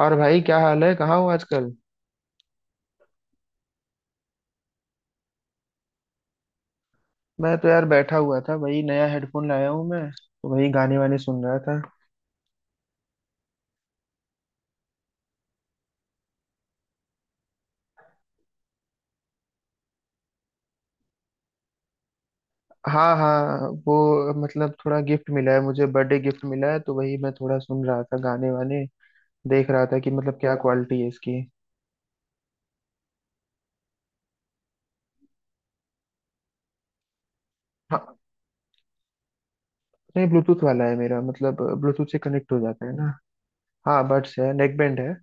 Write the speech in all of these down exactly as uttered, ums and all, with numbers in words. और भाई, क्या हाल है? कहाँ हो आजकल? मैं तो यार बैठा हुआ था। वही नया हेडफोन लाया हूँ, मैं तो वही गाने वाने सुन रहा था। हाँ हाँ, वो मतलब थोड़ा गिफ्ट मिला है, मुझे बर्थडे गिफ्ट मिला है, तो वही मैं थोड़ा सुन रहा था गाने वाने। देख रहा था कि मतलब क्या क्वालिटी है इसकी। हाँ, नहीं ब्लूटूथ वाला है मेरा, मतलब ब्लूटूथ से कनेक्ट हो जाता है ना। हाँ बड्स है, नेक बैंड है।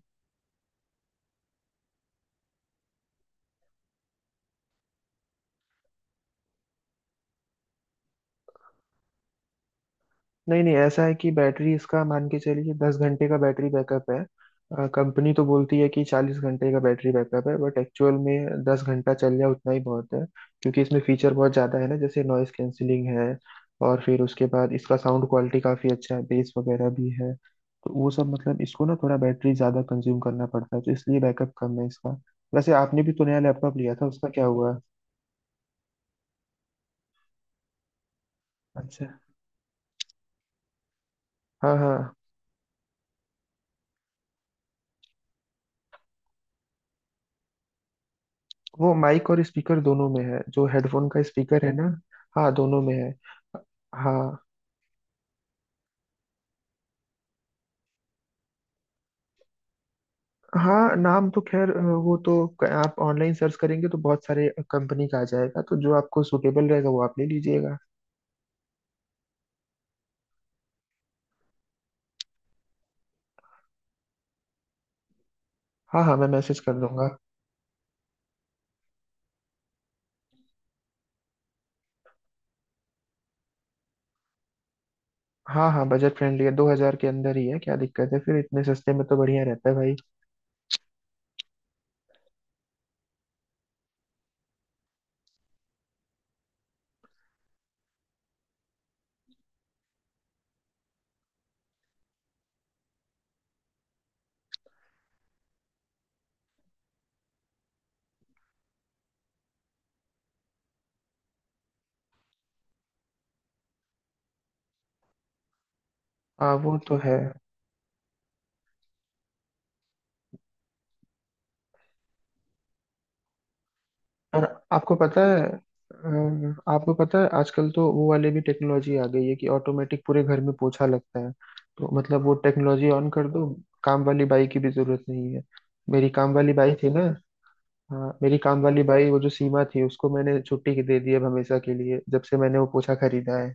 नहीं नहीं, ऐसा है कि बैटरी इसका मान के चलिए दस घंटे का बैटरी बैकअप है। कंपनी तो बोलती है कि चालीस घंटे का बैटरी बैकअप है, बट एक्चुअल में दस घंटा चल जाए उतना ही बहुत है। क्योंकि इसमें फीचर बहुत ज़्यादा है ना, जैसे नॉइस कैंसिलिंग है। और फिर उसके बाद इसका साउंड क्वालिटी काफ़ी अच्छा है, बेस वगैरह भी है। तो वो सब मतलब इसको ना थोड़ा बैटरी ज़्यादा कंज्यूम करना पड़ता है, तो इसलिए बैकअप कम है इसका। वैसे आपने भी तो नया लैपटॉप लिया था, उसका क्या हुआ? अच्छा। हाँ हाँ। वो माइक और स्पीकर दोनों में है, जो हेडफोन का स्पीकर है ना। हाँ दोनों में है। हाँ हाँ, नाम तो खैर अ, वो तो क- आप ऑनलाइन सर्च करेंगे तो बहुत सारे कंपनी का आ जाएगा, तो जो आपको सुटेबल रहेगा वो आप ले लीजिएगा। हाँ हाँ, मैं मैसेज कर दूंगा। हाँ हाँ, बजट फ्रेंडली है, दो हजार के अंदर ही है, क्या दिक्कत है? फिर इतने सस्ते में तो बढ़िया रहता है भाई। हाँ वो तो है। और आपको पता है अम, आपको पता है, आजकल तो वो वाले भी टेक्नोलॉजी आ गई है कि ऑटोमेटिक पूरे घर में पोछा लगता है। तो मतलब वो टेक्नोलॉजी ऑन कर दो। काम वाली बाई की भी जरूरत नहीं है। मेरी काम वाली बाई थी ना। हाँ, मेरी काम वाली बाई वो जो सीमा थी उसको मैंने छुट्टी के दे दी अब हमेशा के लिए, जब से मैंने वो पोछा खरीदा है।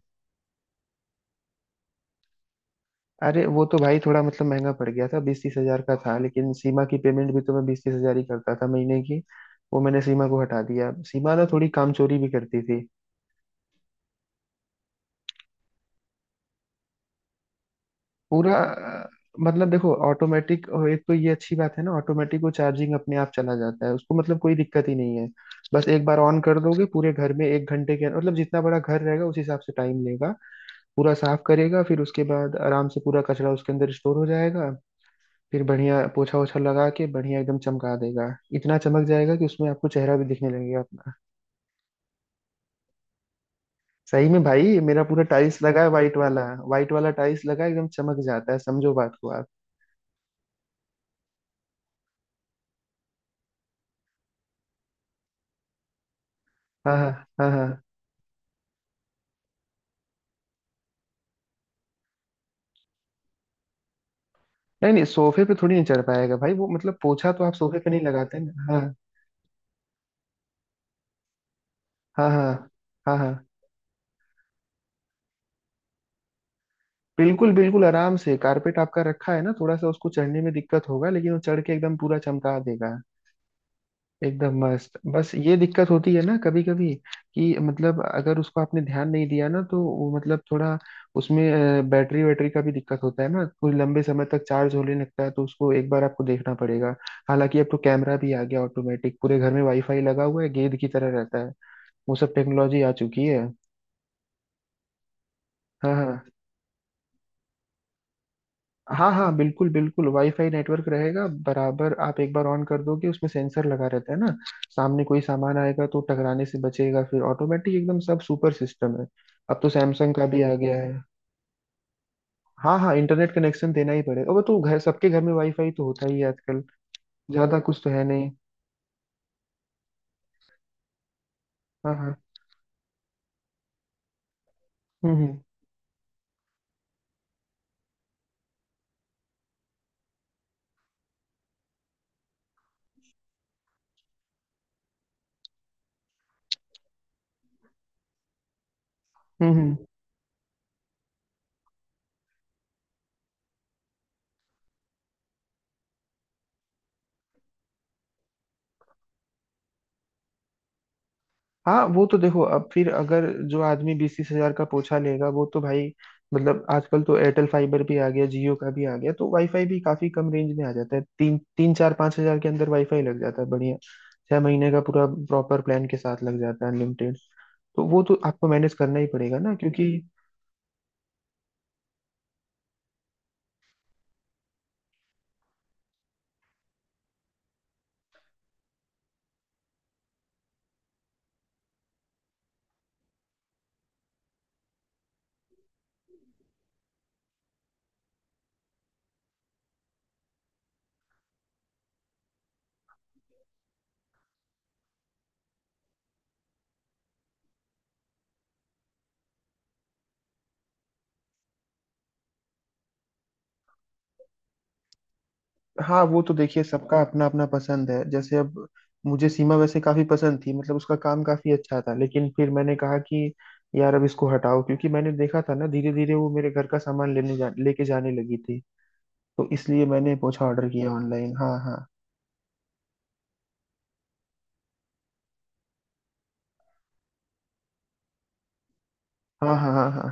अरे, वो तो भाई थोड़ा मतलब महंगा पड़ गया था, बीस तीस हजार का था, लेकिन सीमा की पेमेंट भी तो मैं बीस तीस हजार ही करता था महीने की। वो मैंने सीमा को हटा दिया, सीमा ना थोड़ी काम चोरी भी करती। पूरा अ, मतलब देखो ऑटोमेटिक। एक तो ये अच्छी बात है ना, ऑटोमेटिक वो चार्जिंग अपने आप चला जाता है, उसको मतलब कोई दिक्कत ही नहीं है। बस एक बार ऑन कर दोगे पूरे घर में एक घंटे के, मतलब जितना बड़ा घर रहेगा उस हिसाब से टाइम लेगा। पूरा साफ करेगा, फिर उसके बाद आराम से पूरा कचरा उसके अंदर स्टोर हो जाएगा। फिर बढ़िया पोछा ओछा लगा के बढ़िया एकदम चमका देगा। इतना चमक जाएगा कि उसमें आपको चेहरा भी दिखने लगेगा अपना। सही में भाई, मेरा पूरा टाइल्स लगा है, वाइट वाला। वाइट वाला टाइल्स लगा है, एकदम चमक जाता है, समझो बात को आप। हाँ हाँ, हाँ हाँ। नहीं नहीं, सोफे पे थोड़ी नहीं चढ़ पाएगा भाई, वो मतलब पोछा तो आप सोफे पे नहीं लगाते ना, हाँ। हाँ हाँ। हाँ हाँ बिल्कुल बिल्कुल, आराम से कारपेट आपका रखा है ना थोड़ा सा उसको चढ़ने में दिक्कत होगा, लेकिन वो चढ़ के एकदम पूरा चमका देगा। एकदम मस्त। बस ये दिक्कत होती है ना कभी कभी, कि मतलब अगर उसको आपने ध्यान नहीं दिया ना, तो वो मतलब थोड़ा उसमें अ, बैटरी वैटरी का भी दिक्कत होता है ना, कोई लंबे समय तक चार्ज होने लगता है, तो उसको एक बार आपको देखना पड़ेगा। हालांकि अब तो कैमरा भी आ गया ऑटोमेटिक, पूरे घर में वाईफाई लगा हुआ है, गेंद की तरह रहता है। वो सब टेक्नोलॉजी आ चुकी है। हाँ हाँ। हाँ हाँ बिल्कुल बिल्कुल, वाईफाई नेटवर्क रहेगा बराबर, आप एक बार ऑन कर दोगे, उसमें सेंसर लगा रहता है ना। सामने कोई सामान आएगा तो टकराने से बचेगा, फिर ऑटोमेटिक एकदम सब सुपर सिस्टम है। अब तो सैमसंग का भी आ गया है। हाँ हाँ, इंटरनेट कनेक्शन देना ही पड़ेगा, वो तो घर सबके घर में वाईफाई तो होता ही है आजकल। ज्यादा कुछ तो है नहीं। हाँ हाँ। हम्म हम्म। हम्म हम्म। हाँ वो तो देखो, अब फिर अगर जो आदमी बीस तीस हजार का पोछा लेगा वो तो भाई। मतलब आजकल तो एयरटेल फाइबर भी आ गया, जियो का भी आ गया, तो वाईफाई भी काफी कम रेंज में आ जाता है, तीन तीन चार पाँच हजार के अंदर वाईफाई लग जाता है बढ़िया। छह महीने का पूरा प्रॉपर प्लान के साथ लग जाता है, अनलिमिटेड। तो वो तो आपको मैनेज करना ही पड़ेगा ना, क्योंकि। हाँ वो तो देखिए सबका अपना अपना पसंद है, जैसे अब मुझे सीमा वैसे काफी पसंद थी, मतलब उसका काम काफी अच्छा था, लेकिन फिर मैंने कहा कि यार अब इसको हटाओ, क्योंकि मैंने देखा था ना धीरे धीरे वो मेरे घर का सामान लेने जा लेके जाने लगी थी। तो इसलिए मैंने पोछा ऑर्डर किया ऑनलाइन, हाँ हाँ। हाँ हाँ, हाँ हाँ।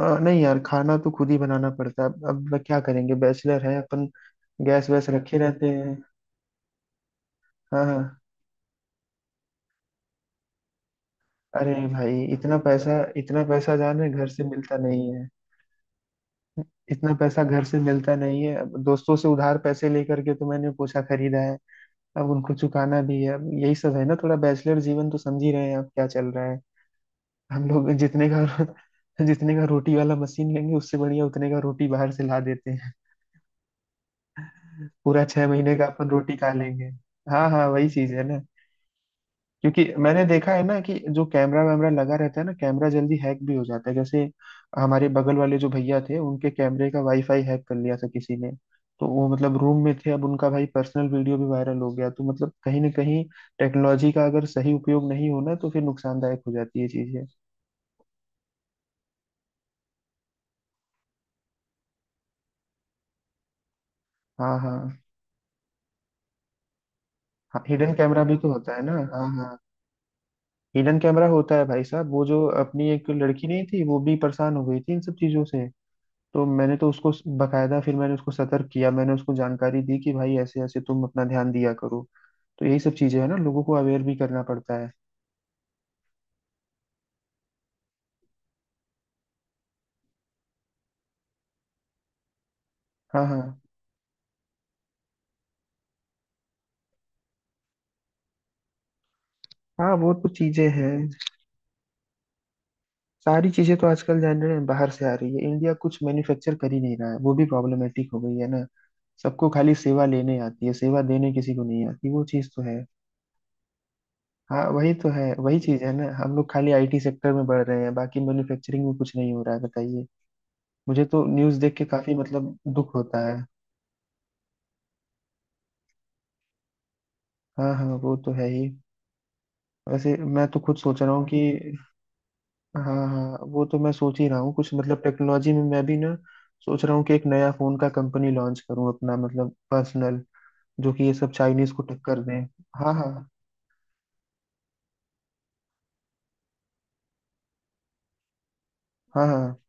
अ, नहीं यार, खाना तो खुद ही बनाना पड़ता है अब। अब क्या करेंगे, बैचलर है अपन। गैस वैस रखे रहते हैं। हाँ हाँ। अरे भाई, इतना पैसा, इतना पैसा जाने घर से मिलता नहीं। इतना पैसा घर से मिलता नहीं है, अब दोस्तों से उधार पैसे लेकर के तो मैंने पोछा खरीदा है। अब उनको चुकाना भी है, अब यही सब है ना, थोड़ा बैचलर जीवन तो समझ ही रहे हैं आप क्या चल रहा है। हम लोग जितने का जितने का रोटी वाला मशीन लेंगे, उससे बढ़िया उतने का रोटी बाहर से ला देते हैं। पूरा छह महीने का अपन रोटी खा लेंगे। हाँ हाँ, वही चीज है ना। क्योंकि मैंने देखा है ना कि जो कैमरा वैमरा लगा रहता है ना, कैमरा जल्दी हैक भी हो जाता है, जैसे हमारे बगल वाले जो भैया थे, उनके कैमरे का वाईफाई हैक कर लिया था किसी ने। तो वो मतलब रूम में थे, अब उनका भाई पर्सनल वीडियो भी वायरल हो गया, तो मतलब कहीं ना कहीं टेक्नोलॉजी का अगर सही उपयोग नहीं होना तो फिर नुकसानदायक हो जाती है चीजें। हाँ हाँ। हिडन कैमरा भी तो होता है ना, हाँ हाँ। हिडन कैमरा होता है भाई साहब, वो जो अपनी एक लड़की नहीं थी, वो भी परेशान हो गई थी इन सब चीजों से। तो मैंने तो उसको स- बकायदा फिर मैंने उसको सतर्क किया, मैंने उसको जानकारी दी कि भाई ऐसे ऐसे तुम अपना ध्यान दिया करो। तो यही सब चीजें है ना, लोगों को अवेयर भी करना पड़ता है। हाँ हाँ। हाँ वो तो चीजें हैं। सारी चीजें तो आजकल जान रहे हैं, बाहर से आ रही है, इंडिया कुछ मैन्युफैक्चर कर ही नहीं रहा है, वो भी प्रॉब्लमेटिक हो गई है ना। सबको खाली सेवा लेने आती है, सेवा देने किसी को नहीं आती, वो चीज तो है। हाँ वही तो है, वही चीज है ना, हम लोग खाली आईटी सेक्टर में बढ़ रहे हैं, बाकी मैन्युफैक्चरिंग में कुछ नहीं हो रहा है, बताइए। मुझे तो न्यूज देख के काफी मतलब दुख होता है। हाँ हाँ, वो तो है ही। वैसे मैं तो खुद सोच रहा हूँ कि हाँ हाँ, वो तो मैं सोच ही रहा हूँ कुछ मतलब टेक्नोलॉजी में मैं भी ना, सोच रहा हूँ कि एक नया फोन का कंपनी लॉन्च करूँ अपना, मतलब पर्सनल, जो कि ये सब चाइनीज को टक्कर दें। हाँ हाँ, हाँ हाँ।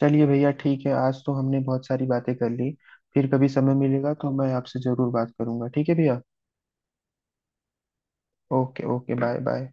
चलिए भैया ठीक है, आज तो हमने बहुत सारी बातें कर ली। फिर कभी समय मिलेगा तो मैं आपसे जरूर बात करूंगा, ठीक है भैया। Okay okay, bye bye.